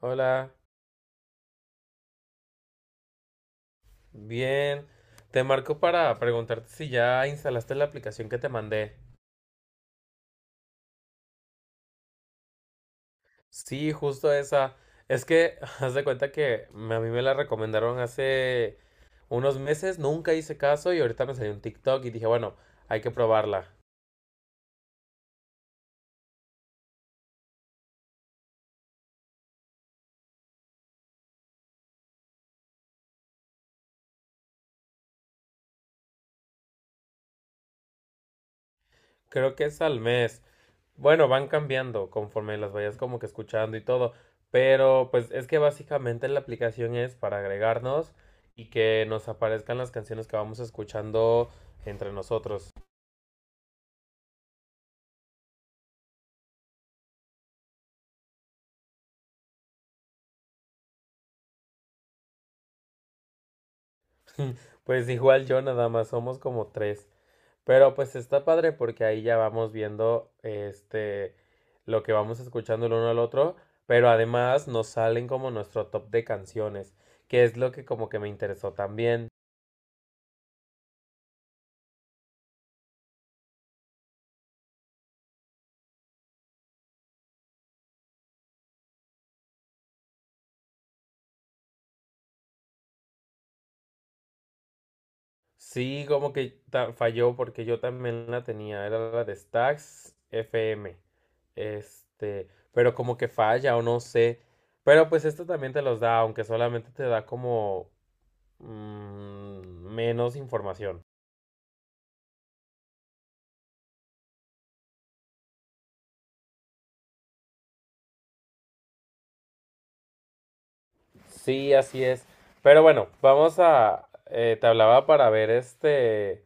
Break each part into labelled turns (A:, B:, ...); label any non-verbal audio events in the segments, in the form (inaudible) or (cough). A: Hola, bien. Te marco para preguntarte si ya instalaste la aplicación que te mandé. Sí, justo esa. Es que (laughs) haz de cuenta que a mí me la recomendaron hace unos meses, nunca hice caso y ahorita me salió un TikTok y dije, bueno, hay que probarla. Creo que es al mes. Bueno, van cambiando conforme las vayas como que escuchando y todo. Pero pues es que básicamente la aplicación es para agregarnos y que nos aparezcan las canciones que vamos escuchando entre nosotros. (laughs) Pues igual yo nada más somos como tres. Pero pues está padre porque ahí ya vamos viendo este lo que vamos escuchando el uno al otro, pero además nos salen como nuestro top de canciones, que es lo que como que me interesó también. Sí, como que falló porque yo también la tenía, era la de Stax FM. Este, pero como que falla o no sé. Pero pues esto también te los da, aunque solamente te da como menos información. Sí, así es. Pero bueno, vamos a... te hablaba para ver este...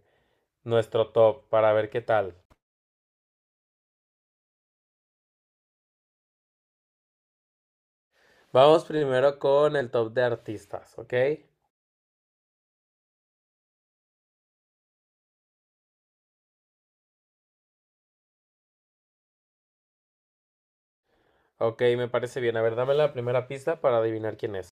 A: nuestro top, para ver qué tal. Vamos primero con el top de artistas, ¿ok? Ok, me parece bien. A ver, dame la primera pista para adivinar quién es.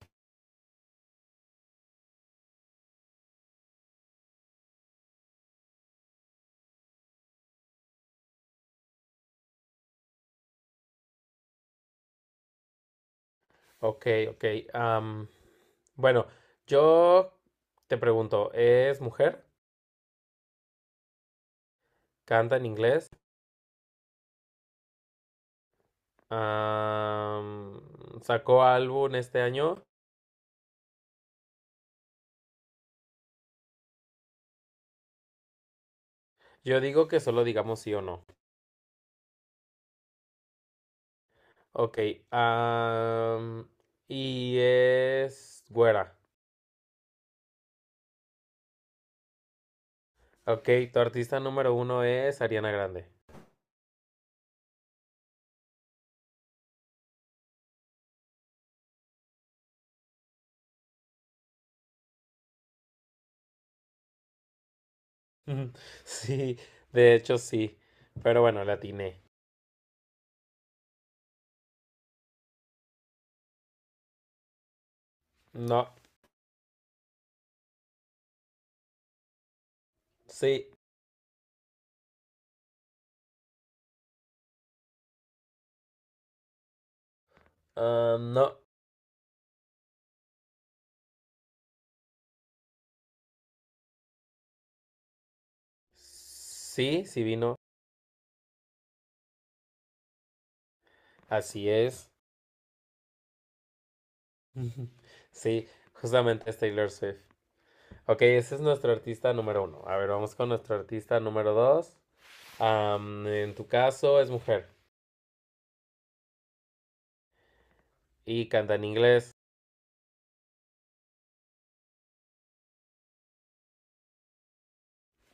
A: Ok, ok. am, bueno, yo te pregunto, ¿es mujer? ¿Canta en inglés? Am, ¿Sacó álbum este año? Yo digo que solo digamos sí o no. Ok, am, y es güera. Ok, tu artista número uno es Ariana Grande. Ujú. (laughs) Sí, de hecho sí. Pero bueno, la atiné. No, sí, ah, no. Sí, sí vino. Así es. Ujú. Sí, justamente es Taylor Swift. Ok, ese es nuestro artista número uno. A ver, vamos con nuestro artista número dos. En tu caso es mujer y canta en inglés.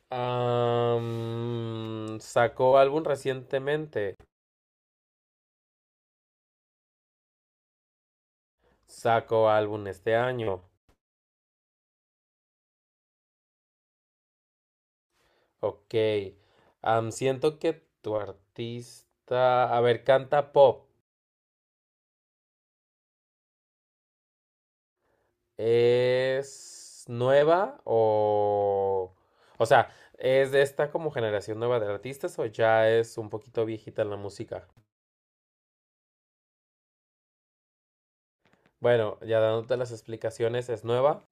A: Sacó álbum recientemente. Sacó álbum este año. Ok. Siento que tu artista. A ver, canta pop. ¿Es nueva o? O sea, ¿es de esta como generación nueva de artistas o ya es un poquito viejita en la música? Bueno, ya dándote las explicaciones, es nueva.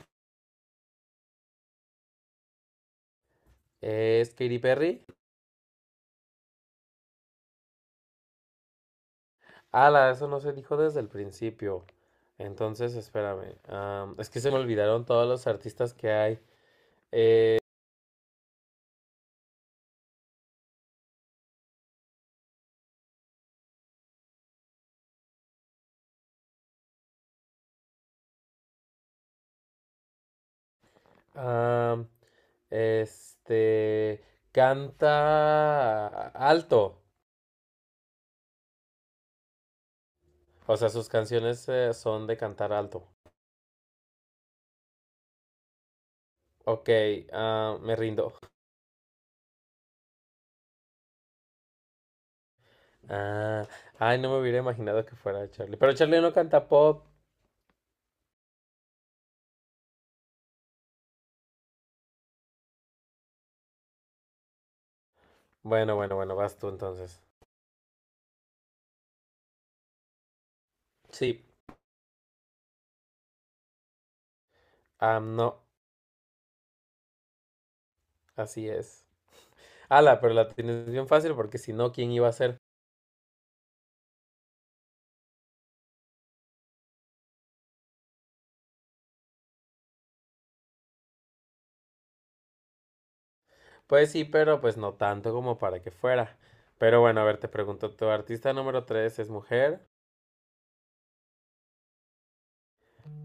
A: ¿Es Katy Perry? Ala, eso no se dijo desde el principio. Entonces, espérame. Es que se me olvidaron todos los artistas que hay. Eh, am, este. Canta alto. O sea, sus canciones son de cantar alto. Ok, ah, me rindo. Ah, ay, no me hubiera imaginado que fuera Charlie. Pero Charlie no canta pop. Bueno, bueno, bueno, vas tú entonces. Sí, ah, no, así es. Ala, pero la tienes bien fácil porque si no, ¿quién iba a ser? Pues sí, pero pues no tanto como para que fuera. Pero bueno, a ver, te pregunto, ¿tu artista número tres es mujer?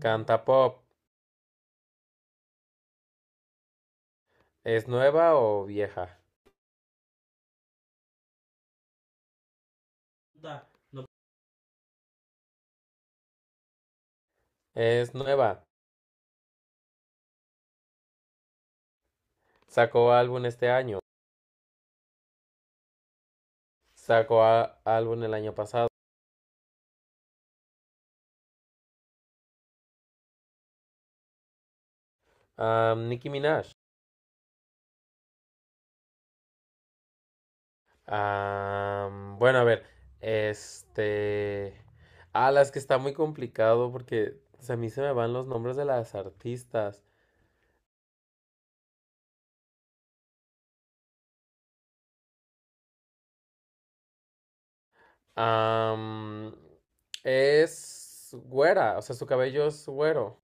A: ¿Canta pop? ¿Es nueva o vieja? Es nueva. Sacó álbum este año. Sacó álbum el año pasado. Ah, Nicki Minaj. Ah, bueno, a ver, este... Ah, las que está muy complicado porque a mí se me van los nombres de las artistas. Ah, es güera, o sea, su cabello es güero.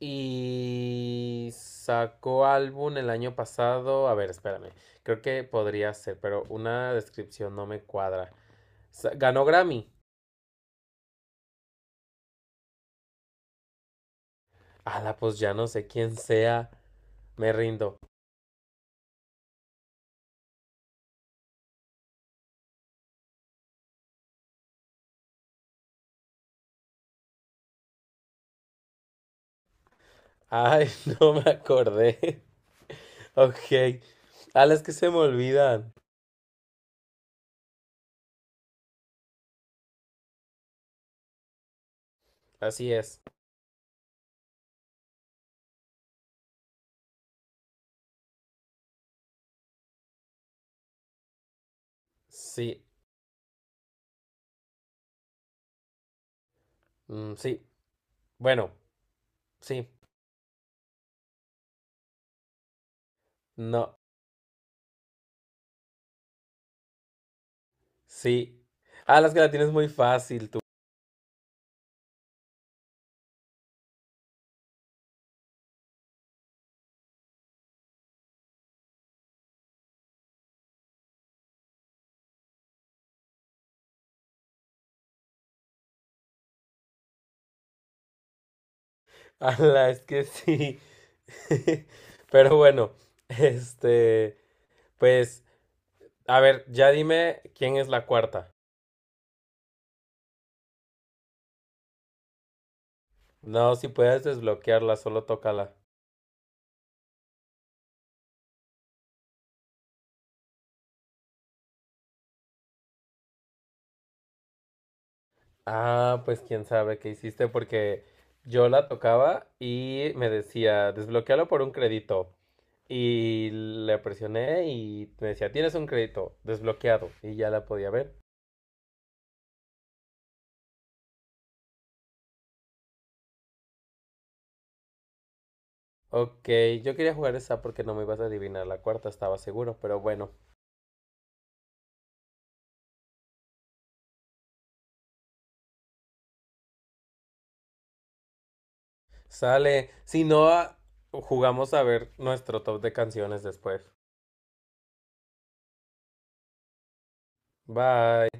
A: Y sacó álbum el año pasado. A ver, espérame. Creo que podría ser, pero una descripción no me cuadra. Ganó Grammy. Ala, pues ya no sé quién sea. Me rindo. Ay, (laughs) no me acordé. (laughs) Ok. Ala, es que se me olvidan. Así es. Sí. Mm, sí. Bueno. Sí. No. Sí. Ala, es que la tienes muy fácil tú. Ala, es que sí. (laughs) Pero bueno. Este. Pues, a ver, ya dime quién es la cuarta. No, si puedes desbloquearla, solo tócala. Ah, pues quién sabe qué hiciste porque yo la tocaba y me decía, desbloquealo por un crédito. Y le presioné y me decía, tienes un crédito desbloqueado. Y ya la podía ver. Ok, yo quería jugar esa porque no me ibas a adivinar la cuarta, estaba seguro, pero bueno, sale. Si no, ah, jugamos a ver nuestro top de canciones después. Bye.